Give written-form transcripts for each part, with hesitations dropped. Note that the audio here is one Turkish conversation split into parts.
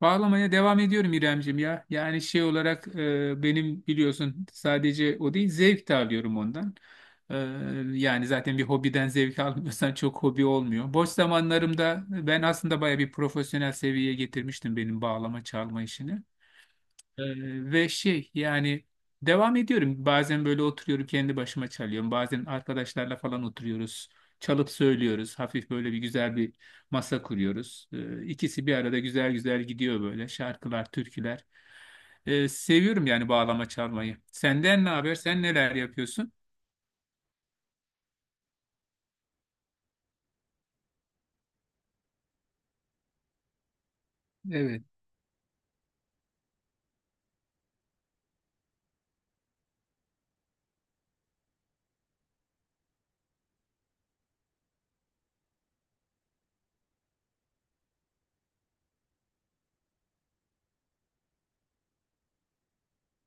Bağlamaya devam ediyorum İremcim ya. Yani şey olarak benim biliyorsun sadece o değil zevk de alıyorum ondan. E, Yani zaten bir hobiden zevk almıyorsan çok hobi olmuyor. Boş zamanlarımda ben aslında baya bir profesyonel seviyeye getirmiştim benim bağlama çalma işini. Ee, ve şey yani devam ediyorum. Bazen böyle oturuyorum kendi başıma çalıyorum. Bazen arkadaşlarla falan oturuyoruz. Çalıp söylüyoruz. Hafif böyle bir güzel bir masa kuruyoruz. İkisi bir arada güzel güzel gidiyor böyle. Şarkılar, türküler. Seviyorum yani bağlama çalmayı. Senden ne haber? Sen neler yapıyorsun? Evet.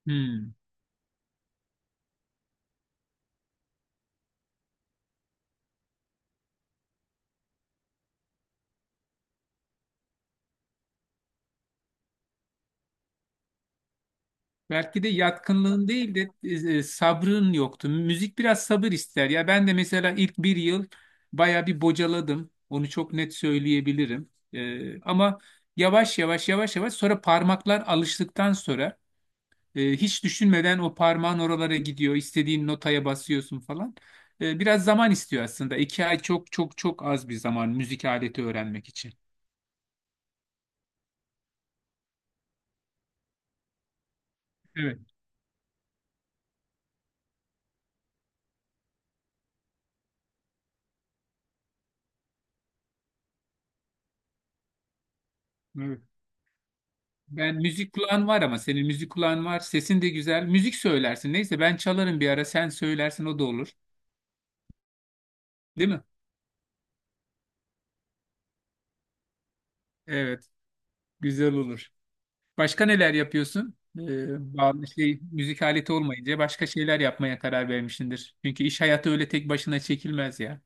Hmm. Belki de yatkınlığın değil de sabrın yoktu. Müzik biraz sabır ister. Ya ben de mesela ilk 1 yıl baya bir bocaladım. Onu çok net söyleyebilirim. Ama yavaş yavaş yavaş yavaş sonra parmaklar alıştıktan sonra hiç düşünmeden o parmağın oralara gidiyor. İstediğin notaya basıyorsun falan. Biraz zaman istiyor aslında. 2 ay çok çok çok az bir zaman müzik aleti öğrenmek için. Evet, evet. Ben müzik kulağın var ama senin müzik kulağın var. Sesin de güzel. Müzik söylersin. Neyse ben çalarım bir ara. Sen söylersin o da olur. Değil mi? Evet. Güzel olur. Başka neler yapıyorsun? Bağlı şey müzik aleti olmayınca başka şeyler yapmaya karar vermişsindir. Çünkü iş hayatı öyle tek başına çekilmez ya.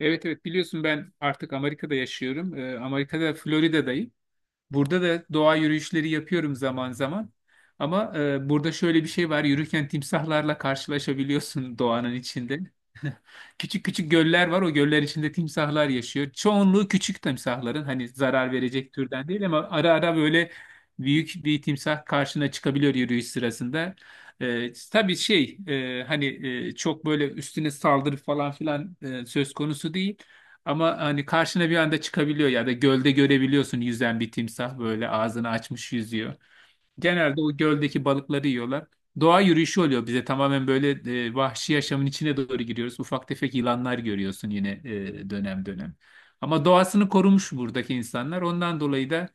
Evet evet biliyorsun ben artık Amerika'da yaşıyorum. Amerika'da Florida'dayım. Burada da doğa yürüyüşleri yapıyorum zaman zaman. Ama burada şöyle bir şey var. Yürürken timsahlarla karşılaşabiliyorsun doğanın içinde. Küçük küçük göller var. O göller içinde timsahlar yaşıyor. Çoğunluğu küçük timsahların hani zarar verecek türden değil ama ara ara böyle büyük bir timsah karşına çıkabiliyor yürüyüş sırasında. Tabii şey hani çok böyle üstüne saldırı falan filan söz konusu değil. Ama hani karşına bir anda çıkabiliyor ya da gölde görebiliyorsun yüzen bir timsah böyle ağzını açmış yüzüyor. Genelde o göldeki balıkları yiyorlar. Doğa yürüyüşü oluyor bize tamamen böyle vahşi yaşamın içine doğru giriyoruz. Ufak tefek yılanlar görüyorsun yine dönem dönem. Ama doğasını korumuş buradaki insanlar. Ondan dolayı da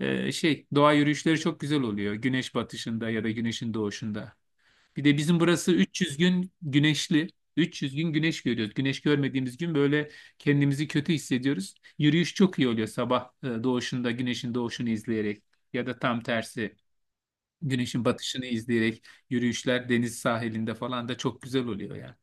şey doğa yürüyüşleri çok güzel oluyor. Güneş batışında ya da güneşin doğuşunda. Bir de bizim burası 300 gün güneşli. 300 gün güneş görüyoruz. Güneş görmediğimiz gün böyle kendimizi kötü hissediyoruz. Yürüyüş çok iyi oluyor sabah doğuşunda güneşin doğuşunu izleyerek ya da tam tersi güneşin batışını izleyerek yürüyüşler deniz sahilinde falan da çok güzel oluyor yani.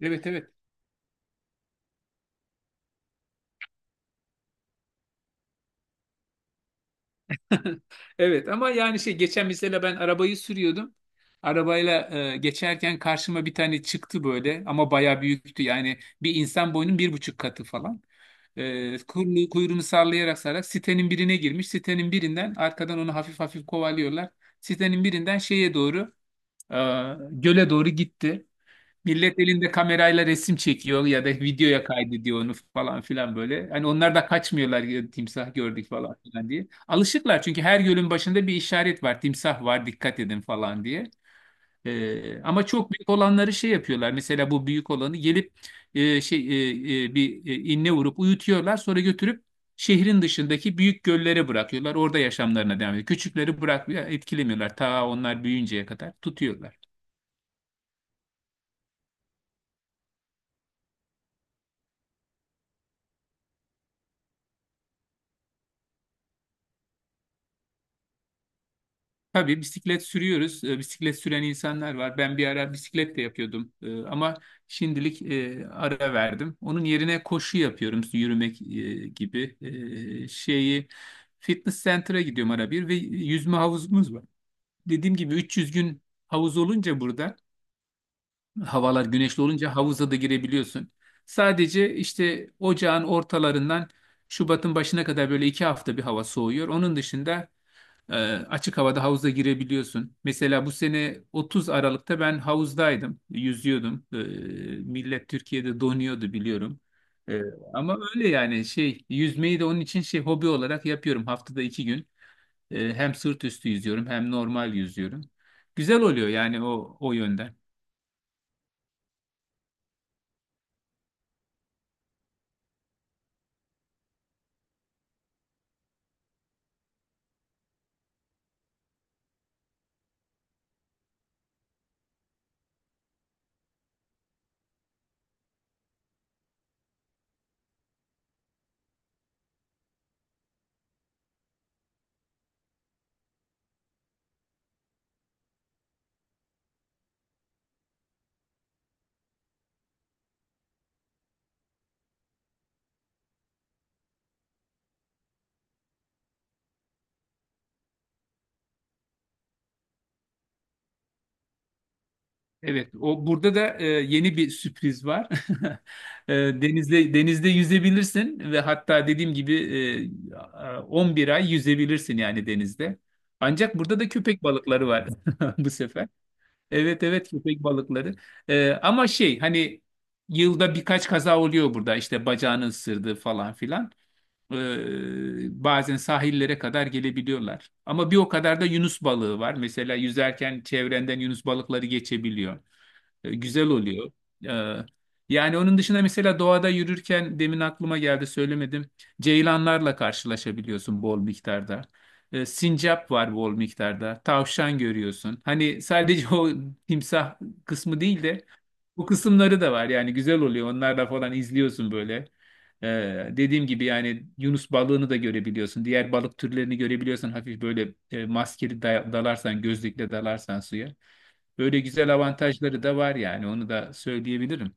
Evet evet. Evet ama yani şey geçen mesela ben arabayı sürüyordum. Arabayla geçerken karşıma bir tane çıktı böyle ama bayağı büyüktü. Yani bir insan boyunun bir buçuk katı falan. Kuyruğunu sallayarak sallayarak sitenin birine girmiş. Sitenin birinden arkadan onu hafif hafif kovalıyorlar. Sitenin birinden şeye doğru e, göle doğru gitti. Millet elinde kamerayla resim çekiyor ya da videoya kaydediyor onu falan filan böyle. Hani onlar da kaçmıyorlar ya, timsah gördük falan filan diye. Alışıklar çünkü her gölün başında bir işaret var. Timsah var dikkat edin falan diye. Ama çok büyük olanları şey yapıyorlar. Mesela bu büyük olanı gelip e, şey inne vurup uyutuyorlar. Sonra götürüp şehrin dışındaki büyük göllere bırakıyorlar. Orada yaşamlarına devam ediyor. Küçükleri bırakmıyor, etkilemiyorlar. Ta onlar büyüyünceye kadar tutuyorlar. Tabii bisiklet sürüyoruz. Bisiklet süren insanlar var. Ben bir ara bisiklet de yapıyordum. Ama şimdilik ara verdim. Onun yerine koşu yapıyorum. İşte yürümek gibi E, şeyi fitness center'a gidiyorum ara bir ve yüzme havuzumuz var. Dediğim gibi 300 gün havuz olunca burada havalar güneşli olunca havuza da girebiliyorsun. Sadece işte ocağın ortalarından Şubat'ın başına kadar böyle 2 hafta bir hava soğuyor. Onun dışında ee, açık havada havuza girebiliyorsun. Mesela bu sene 30 Aralık'ta ben havuzdaydım, yüzüyordum. Millet Türkiye'de donuyordu biliyorum. Ee, ama öyle yani şey yüzmeyi de onun için şey hobi olarak yapıyorum haftada 2 gün. Hem sırt üstü yüzüyorum hem normal yüzüyorum. Güzel oluyor yani o yönden. Evet, o burada da yeni bir sürpriz var. E, denizde yüzebilirsin ve hatta dediğim gibi 11 ay yüzebilirsin yani denizde. Ancak burada da köpek balıkları var bu sefer. Evet evet köpek balıkları. Ama şey hani yılda birkaç kaza oluyor burada işte bacağını ısırdı falan filan. Bazen sahillere kadar gelebiliyorlar. Ama bir o kadar da yunus balığı var. Mesela yüzerken çevrenden yunus balıkları geçebiliyor. Güzel oluyor. E, Yani onun dışında mesela doğada yürürken demin aklıma geldi söylemedim. Ceylanlarla karşılaşabiliyorsun bol miktarda. Sincap var bol miktarda. Tavşan görüyorsun. Hani sadece o timsah kısmı değil de bu kısımları da var. Yani güzel oluyor. Onlarla falan izliyorsun böyle. E, Dediğim gibi yani Yunus balığını da görebiliyorsun. Diğer balık türlerini görebiliyorsun. Hafif böyle maskeli dalarsan, gözlükle dalarsan suya. Böyle güzel avantajları da var yani onu da söyleyebilirim.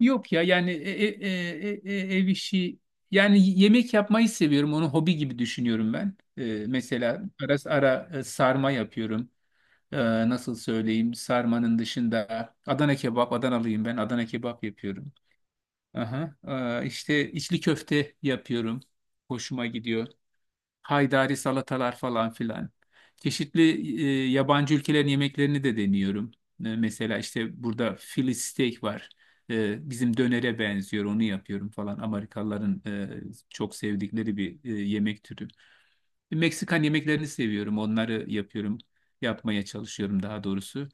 Yok ya yani ev işi yani yemek yapmayı seviyorum. Onu hobi gibi düşünüyorum ben. Mesela ara ara sarma yapıyorum. Nasıl söyleyeyim sarmanın dışında Adana kebap Adanalıyım ben Adana kebap yapıyorum. Aha. İşte içli köfte yapıyorum. Hoşuma gidiyor. Haydari salatalar falan filan. Çeşitli yabancı ülkelerin yemeklerini de deniyorum. Mesela işte burada Philly steak var. Bizim dönere benziyor, onu yapıyorum falan. Amerikalıların çok sevdikleri bir yemek türü. Meksikan yemeklerini seviyorum, onları yapıyorum, yapmaya çalışıyorum daha doğrusu.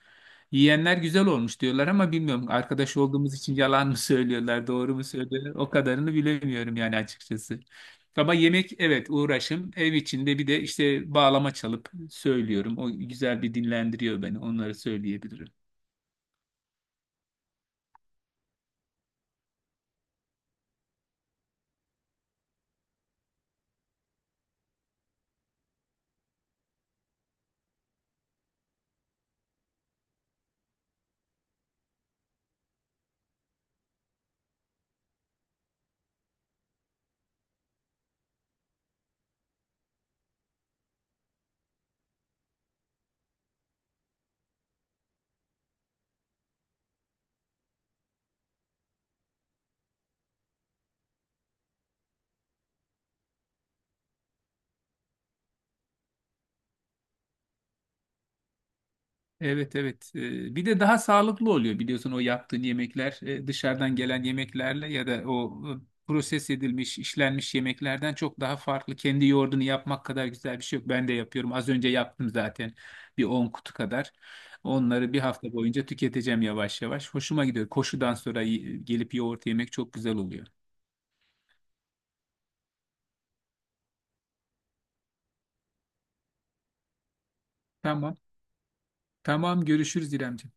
Yiyenler güzel olmuş diyorlar ama bilmiyorum arkadaş olduğumuz için yalan mı söylüyorlar, doğru mu söylüyorlar? O kadarını bilemiyorum yani açıkçası. Ama yemek evet uğraşım. Ev içinde bir de işte bağlama çalıp söylüyorum. O güzel bir dinlendiriyor beni. Onları söyleyebilirim. Evet evet. Bir de daha sağlıklı oluyor biliyorsun o yaptığın yemekler dışarıdan gelen yemeklerle ya da o proses edilmiş, işlenmiş yemeklerden çok daha farklı. Kendi yoğurdunu yapmak kadar güzel bir şey yok. Ben de yapıyorum. Az önce yaptım zaten bir 10 kutu kadar. Onları 1 hafta boyunca tüketeceğim yavaş yavaş. Hoşuma gidiyor. Koşudan sonra gelip yoğurt yemek çok güzel oluyor. Tamam. Tamam görüşürüz İremciğim.